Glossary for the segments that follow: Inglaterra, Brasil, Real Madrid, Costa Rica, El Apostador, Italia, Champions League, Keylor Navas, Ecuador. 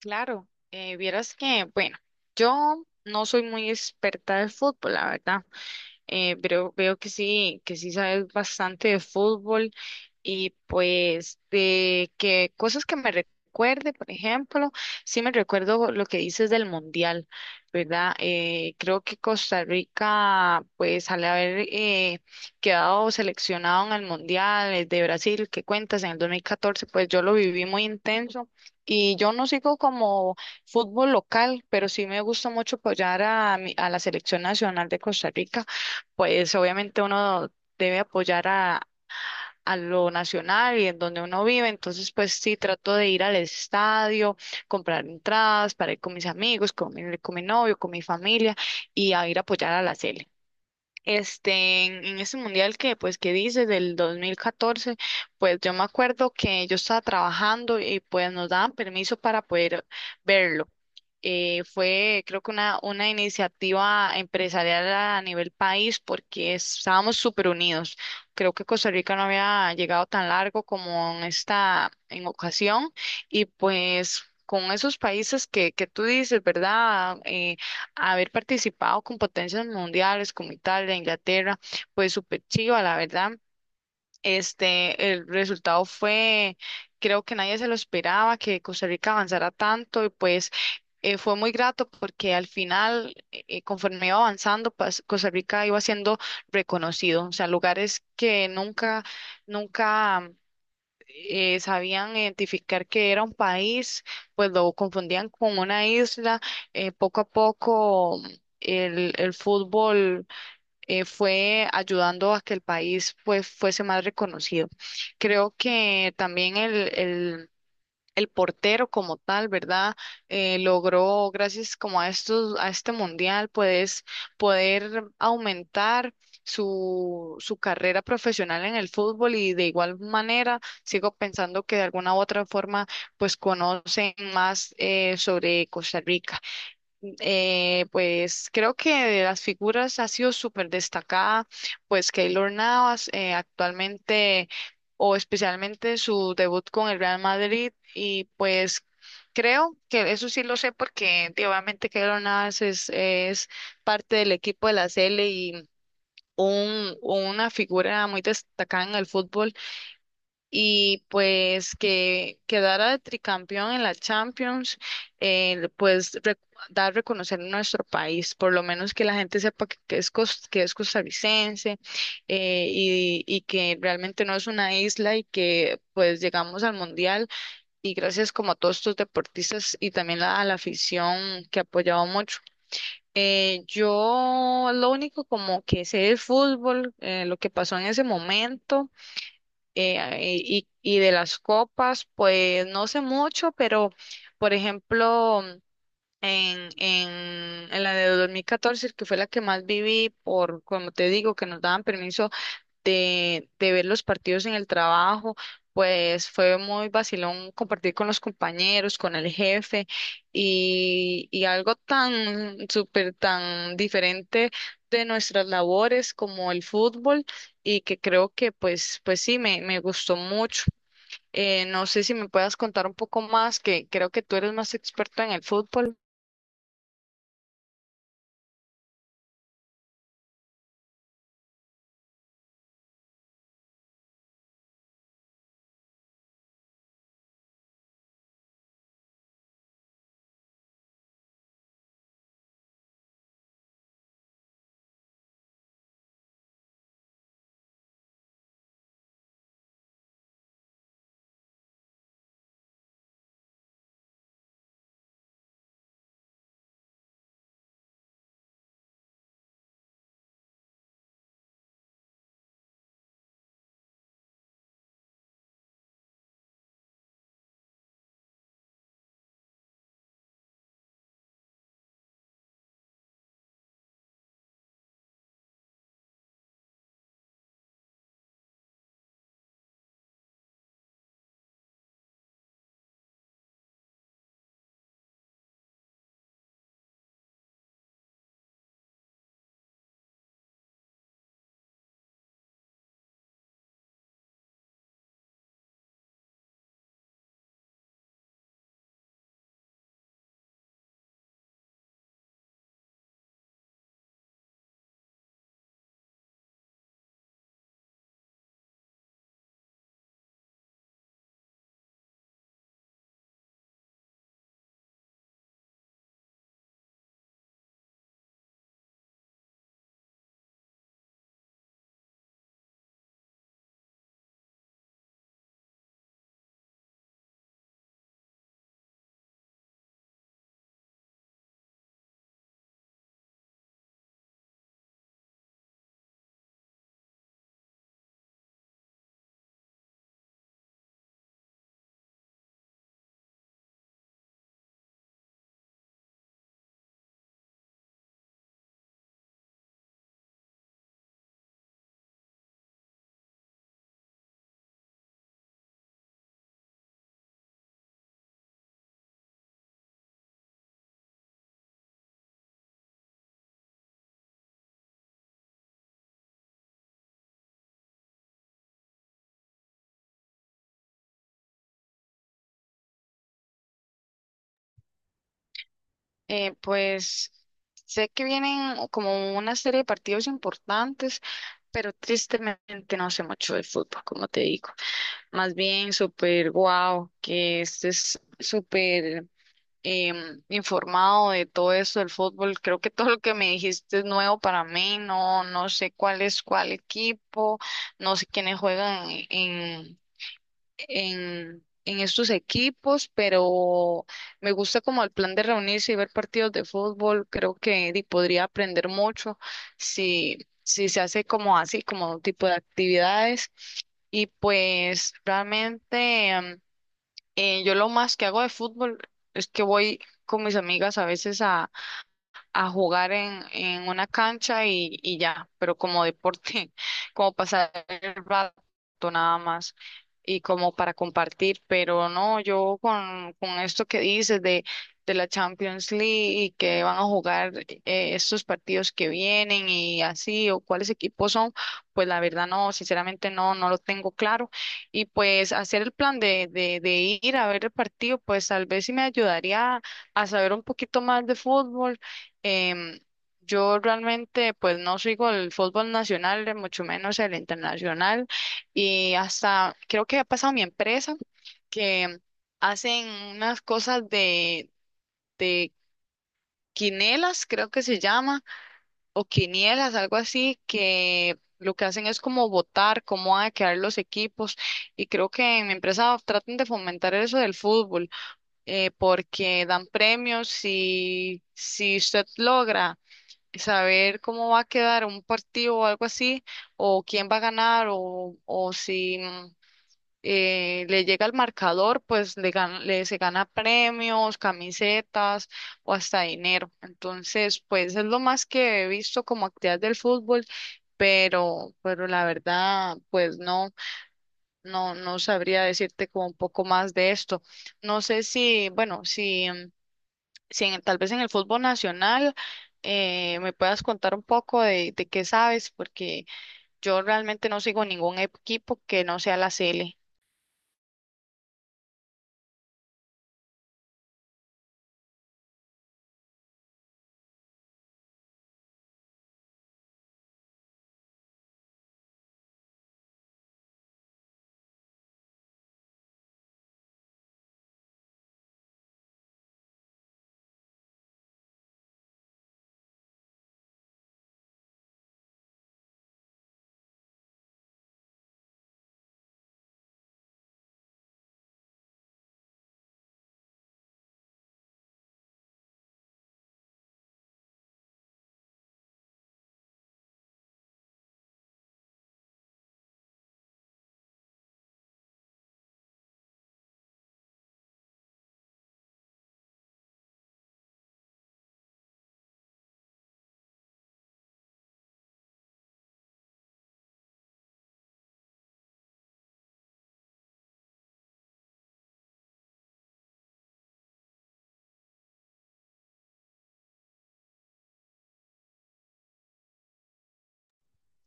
Claro, vieras que, bueno, yo no soy muy experta de fútbol, la verdad, pero veo que sí sabes bastante de fútbol y pues de que cosas que me recuerde, por ejemplo, sí me recuerdo lo que dices del mundial, ¿verdad? Creo que Costa Rica, pues al haber quedado seleccionado en el mundial de Brasil, que cuentas en el 2014 pues yo lo viví muy intenso. Y yo no sigo como fútbol local, pero sí me gusta mucho apoyar a, a la selección nacional de Costa Rica. Pues obviamente uno debe apoyar a lo nacional y en donde uno vive. Entonces, pues sí, trato de ir al estadio, comprar entradas para ir con mis amigos, con mi novio, con mi familia y a ir a apoyar a la Sele. Este, en ese mundial que, pues, que dices del 2014, pues yo me acuerdo que yo estaba trabajando y pues nos daban permiso para poder verlo. Fue, creo que una iniciativa empresarial a nivel país porque estábamos súper unidos. Creo que Costa Rica no había llegado tan largo como en esta, en ocasión y pues... Con esos países que tú dices, ¿verdad? Haber participado con potencias mundiales como Italia, Inglaterra, pues súper chiva, la verdad. Este, el resultado fue, creo que nadie se lo esperaba, que Costa Rica avanzara tanto y pues fue muy grato porque al final, conforme iba avanzando, Costa Rica iba siendo reconocido, o sea, lugares que nunca, nunca sabían identificar que era un país, pues lo confundían con una isla. Poco a poco el fútbol fue ayudando a que el país pues, fuese más reconocido. Creo que también el portero como tal, ¿verdad? Logró, gracias como a estos, a este mundial, puedes poder aumentar su carrera profesional en el fútbol y de igual manera sigo pensando que de alguna u otra forma pues conocen más sobre Costa Rica. Pues creo que de las figuras ha sido súper destacada, pues Keylor Navas actualmente o especialmente su debut con el Real Madrid y pues creo que eso sí lo sé porque tío, obviamente Keylor Navas es parte del equipo de la CL y una figura muy destacada en el fútbol y pues que quedara de tricampeón en la Champions, pues dar reconocer nuestro país, por lo menos que la gente sepa que es, que es costarricense y que realmente no es una isla y que pues llegamos al Mundial y gracias como a todos estos deportistas y también a la afición que ha apoyado mucho. Yo lo único como que sé de fútbol, lo que pasó en ese momento y de las copas, pues no sé mucho, pero por ejemplo, en la de 2014 que fue la que más viví, por como te digo, que nos daban permiso de ver los partidos en el trabajo, pues fue muy vacilón compartir con los compañeros, con el jefe y algo tan súper, tan diferente de nuestras labores como el fútbol y que creo que pues, pues sí, me gustó mucho. No sé si me puedas contar un poco más, que creo que tú eres más experto en el fútbol. Pues sé que vienen como una serie de partidos importantes, pero tristemente no sé mucho del fútbol, como te digo. Más bien súper guau, que estés súper informado de todo eso del fútbol. Creo que todo lo que me dijiste es nuevo para mí. No, no sé cuál es cuál equipo, no sé quiénes juegan en estos equipos, pero me gusta como el plan de reunirse y ver partidos de fútbol. Creo que di, podría aprender mucho si se hace como así, como un tipo de actividades. Y pues realmente yo lo más que hago de fútbol es que voy con mis amigas a veces a jugar en una cancha y ya, pero como deporte, como pasar el rato nada más y como para compartir, pero no, yo con esto que dices de la Champions League y que van a jugar estos partidos que vienen y así, o cuáles equipos son, pues la verdad no, sinceramente no, no lo tengo claro. Y pues hacer el plan de ir a ver el partido, pues tal vez sí me ayudaría a saber un poquito más de fútbol. Em, yo realmente pues no sigo el fútbol nacional, mucho menos el internacional, y hasta creo que ha pasado mi empresa que hacen unas cosas de quinelas, creo que se llama, o quinielas, algo así, que lo que hacen es como votar cómo van a quedar los equipos, y creo que en mi empresa tratan de fomentar eso del fútbol, porque dan premios y si usted logra saber cómo va a quedar un partido o algo así, o quién va a ganar, o si le llega el marcador, pues le, le se gana premios, camisetas o hasta dinero. Entonces, pues es lo más que he visto como actividad del fútbol. Pero la verdad, pues no, no, no sabría decirte como un poco más de esto. No sé si, bueno, si si tal vez en el fútbol nacional me puedas contar un poco de qué sabes, porque yo realmente no sigo ningún equipo que no sea la CL.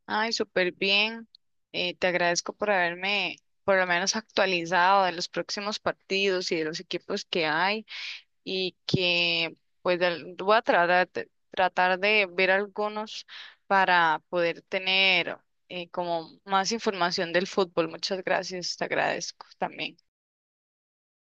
Ay, súper bien. Te agradezco por haberme por lo menos actualizado de los próximos partidos y de los equipos que hay y que pues voy a tratar, tratar de ver algunos para poder tener como más información del fútbol. Muchas gracias, te agradezco también.